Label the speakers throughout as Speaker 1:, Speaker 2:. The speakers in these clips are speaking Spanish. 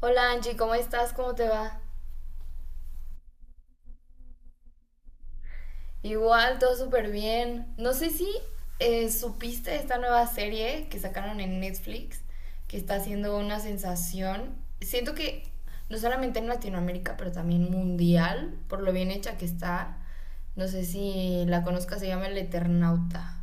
Speaker 1: Hola Angie, ¿cómo estás? ¿Cómo te va? Igual, todo súper bien. No sé si supiste esta nueva serie que sacaron en Netflix, que está haciendo una sensación. Siento que no solamente en Latinoamérica, pero también mundial, por lo bien hecha que está. No sé si la conozcas, se llama El Eternauta.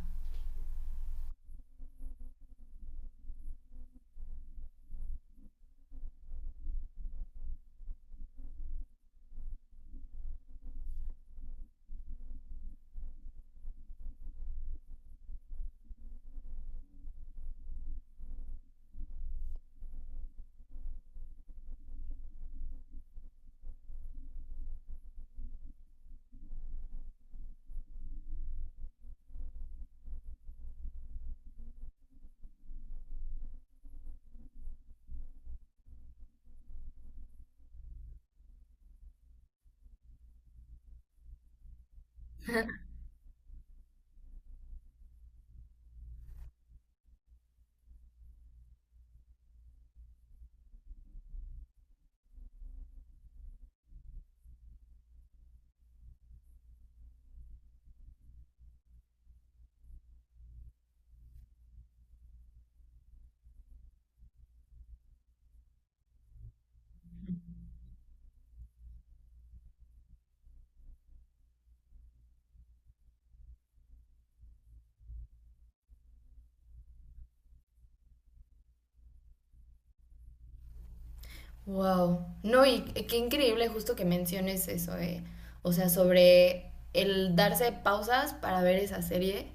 Speaker 1: Wow. No, y qué increíble justo que menciones eso, ¿eh? O sea, sobre el darse pausas para ver esa serie.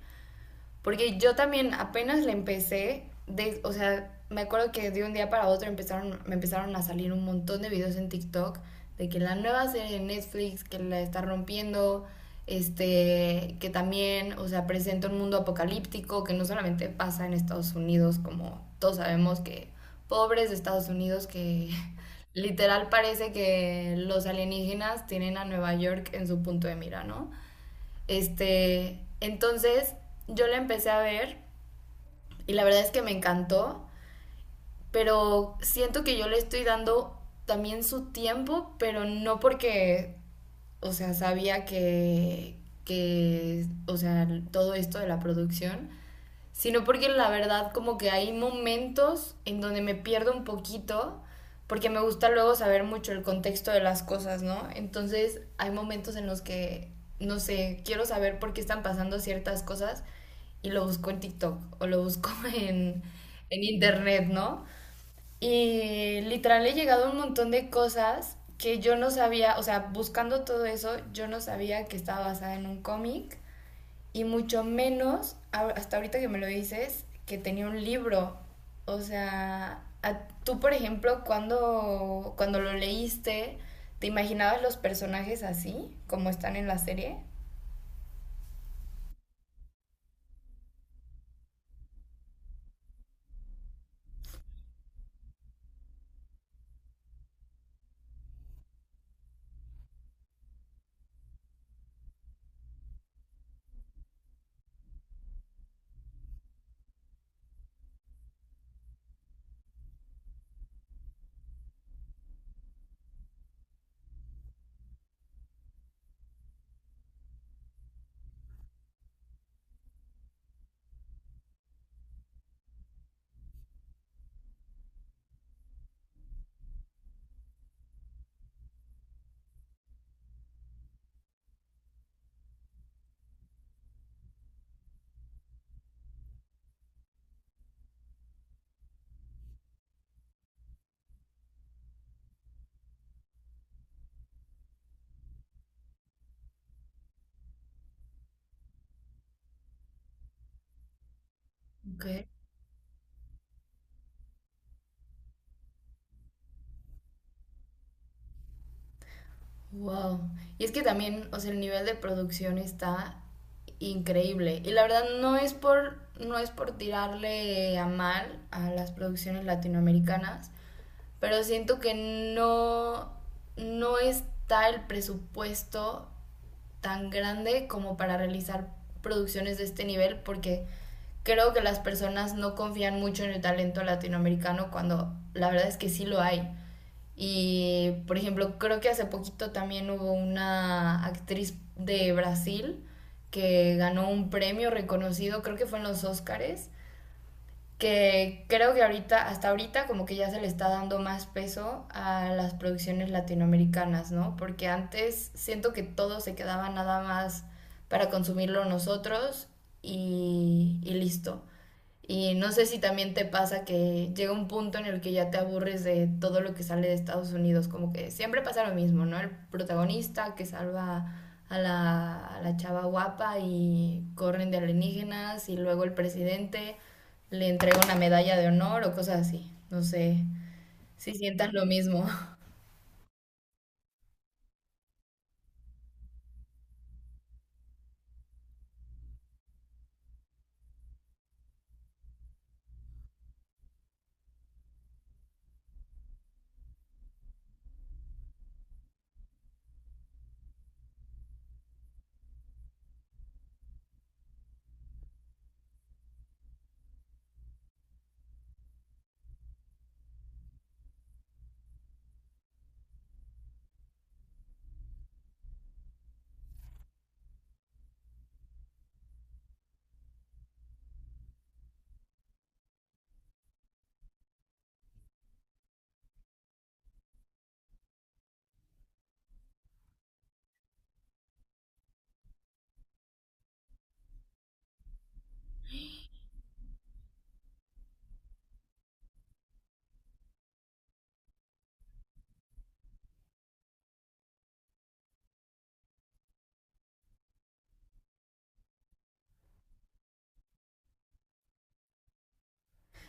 Speaker 1: Porque yo también apenas le empecé, de, o sea, me acuerdo que de un día para otro empezaron, me empezaron a salir un montón de videos en TikTok de que la nueva serie de Netflix que la está rompiendo, este, que también, o sea, presenta un mundo apocalíptico que no solamente pasa en Estados Unidos, como todos sabemos que pobres de Estados Unidos que literal parece que los alienígenas tienen a Nueva York en su punto de mira, ¿no? Este, entonces yo la empecé a ver y la verdad es que me encantó, pero siento que yo le estoy dando también su tiempo, pero no porque, o sea, sabía que, o sea, todo esto de la producción, sino porque la verdad como que hay momentos en donde me pierdo un poquito, porque me gusta luego saber mucho el contexto de las cosas, ¿no? Entonces hay momentos en los que, no sé, quiero saber por qué están pasando ciertas cosas y lo busco en TikTok o lo busco en, en internet, ¿no? Y literal he llegado a un montón de cosas que yo no sabía, o sea, buscando todo eso, yo no sabía que estaba basada en un cómic y mucho menos, hasta ahorita que me lo dices, que tenía un libro. O sea, tú, por ejemplo, cuando lo leíste, ¿te imaginabas los personajes así, como están en la serie? Ok, wow. Y es que también, o sea, el nivel de producción está increíble. Y la verdad no es por, no es por tirarle a mal a las producciones latinoamericanas, pero siento que no, no está el presupuesto tan grande como para realizar producciones de este nivel porque creo que las personas no confían mucho en el talento latinoamericano cuando la verdad es que sí lo hay. Y por ejemplo, creo que hace poquito también hubo una actriz de Brasil que ganó un premio reconocido, creo que fue en los Óscares, que creo que ahorita, hasta ahorita, como que ya se le está dando más peso a las producciones latinoamericanas, ¿no? Porque antes siento que todo se quedaba nada más para consumirlo nosotros y listo. Y no sé si también te pasa que llega un punto en el que ya te aburres de todo lo que sale de Estados Unidos, como que siempre pasa lo mismo, ¿no? El protagonista que salva a la chava guapa y corren de alienígenas y luego el presidente le entrega una medalla de honor o cosas así. No sé si sientas lo mismo.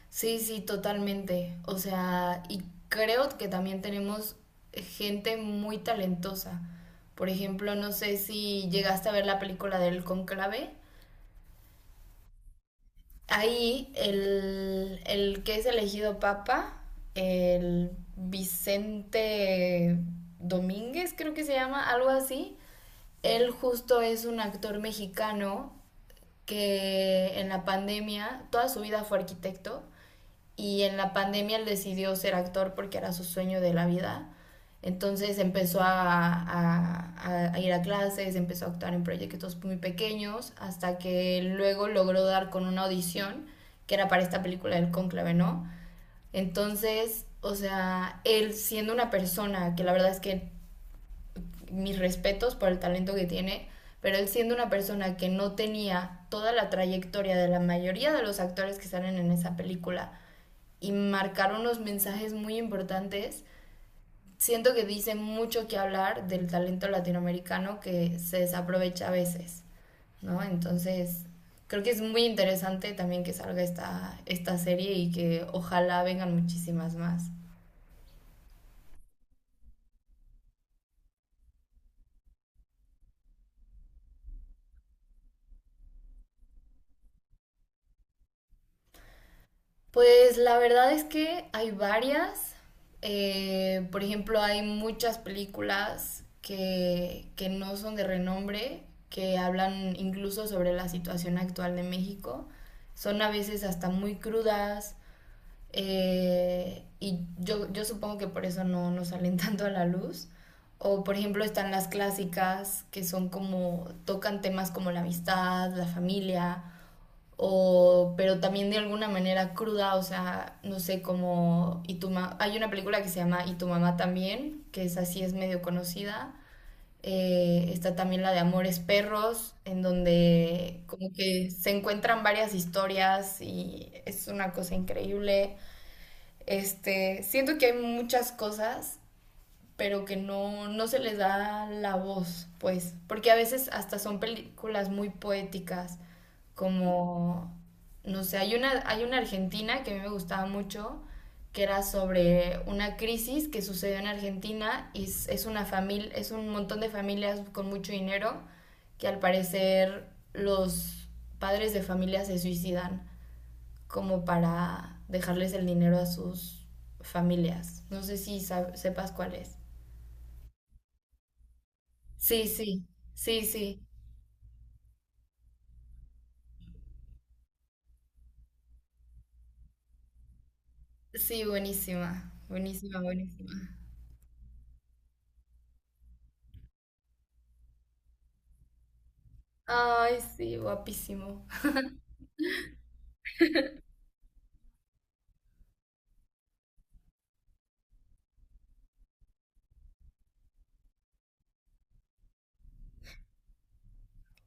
Speaker 1: Sí, sí, totalmente. O sea, y creo que también tenemos gente muy talentosa. Por ejemplo, no sé si llegaste a ver la película del Conclave. Ahí el que es elegido papa, el Vicente Domínguez, creo que se llama, algo así. Él justo es un actor mexicano que en la pandemia toda su vida fue arquitecto y en la pandemia él decidió ser actor porque era su sueño de la vida. Entonces empezó a ir a clases, empezó a actuar en proyectos muy pequeños, hasta que luego logró dar con una audición que era para esta película del cónclave, ¿no? Entonces, o sea, él siendo una persona que la verdad es que mis respetos por el talento que tiene, pero él siendo una persona que no tenía toda la trayectoria de la mayoría de los actores que salen en esa película, y marcar unos mensajes muy importantes. Siento que dicen mucho que hablar del talento latinoamericano que se desaprovecha a veces, ¿no? Entonces, creo que es muy interesante también que salga esta serie y que ojalá vengan muchísimas más. Pues la verdad es que hay varias. Por ejemplo, hay muchas películas que no son de renombre, que hablan incluso sobre la situación actual de México. Son a veces hasta muy crudas y yo supongo que por eso no, no salen tanto a la luz. O por ejemplo están las clásicas que son como, tocan temas como la amistad, la familia o, pero también de alguna manera cruda, o sea, no sé, como, hay una película que se llama Y tu mamá también, que es así, es medio conocida. Está también la de Amores Perros, en donde como que se encuentran varias historias y es una cosa increíble. Este, siento que hay muchas cosas pero que no, no se les da la voz, pues, porque a veces hasta son películas muy poéticas, como, no sé, hay una argentina que a mí me gustaba mucho, que era sobre una crisis que sucedió en Argentina y es una familia, es un montón de familias con mucho dinero que al parecer los padres de familia se suicidan como para dejarles el dinero a sus familias. No sé si sepas cuál es. Sí, sí, sí, sí. Sí, buenísima, buenísima, buenísima. Ay, sí, guapísimo.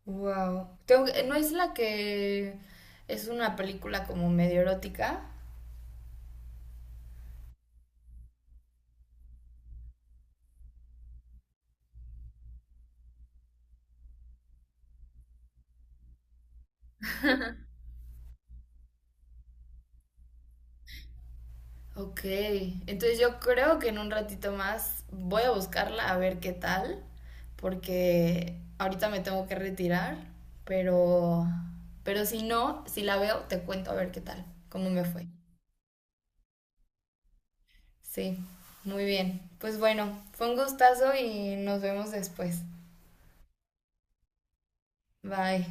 Speaker 1: Wow. ¿No es la que es una película como medio erótica? Ok, entonces yo creo que en un ratito más voy a buscarla a ver qué tal, porque ahorita me tengo que retirar, pero, pero si no, si la veo, te cuento a ver qué tal, cómo me fue. Sí, muy bien. Pues bueno, fue un gustazo y nos vemos después. Bye.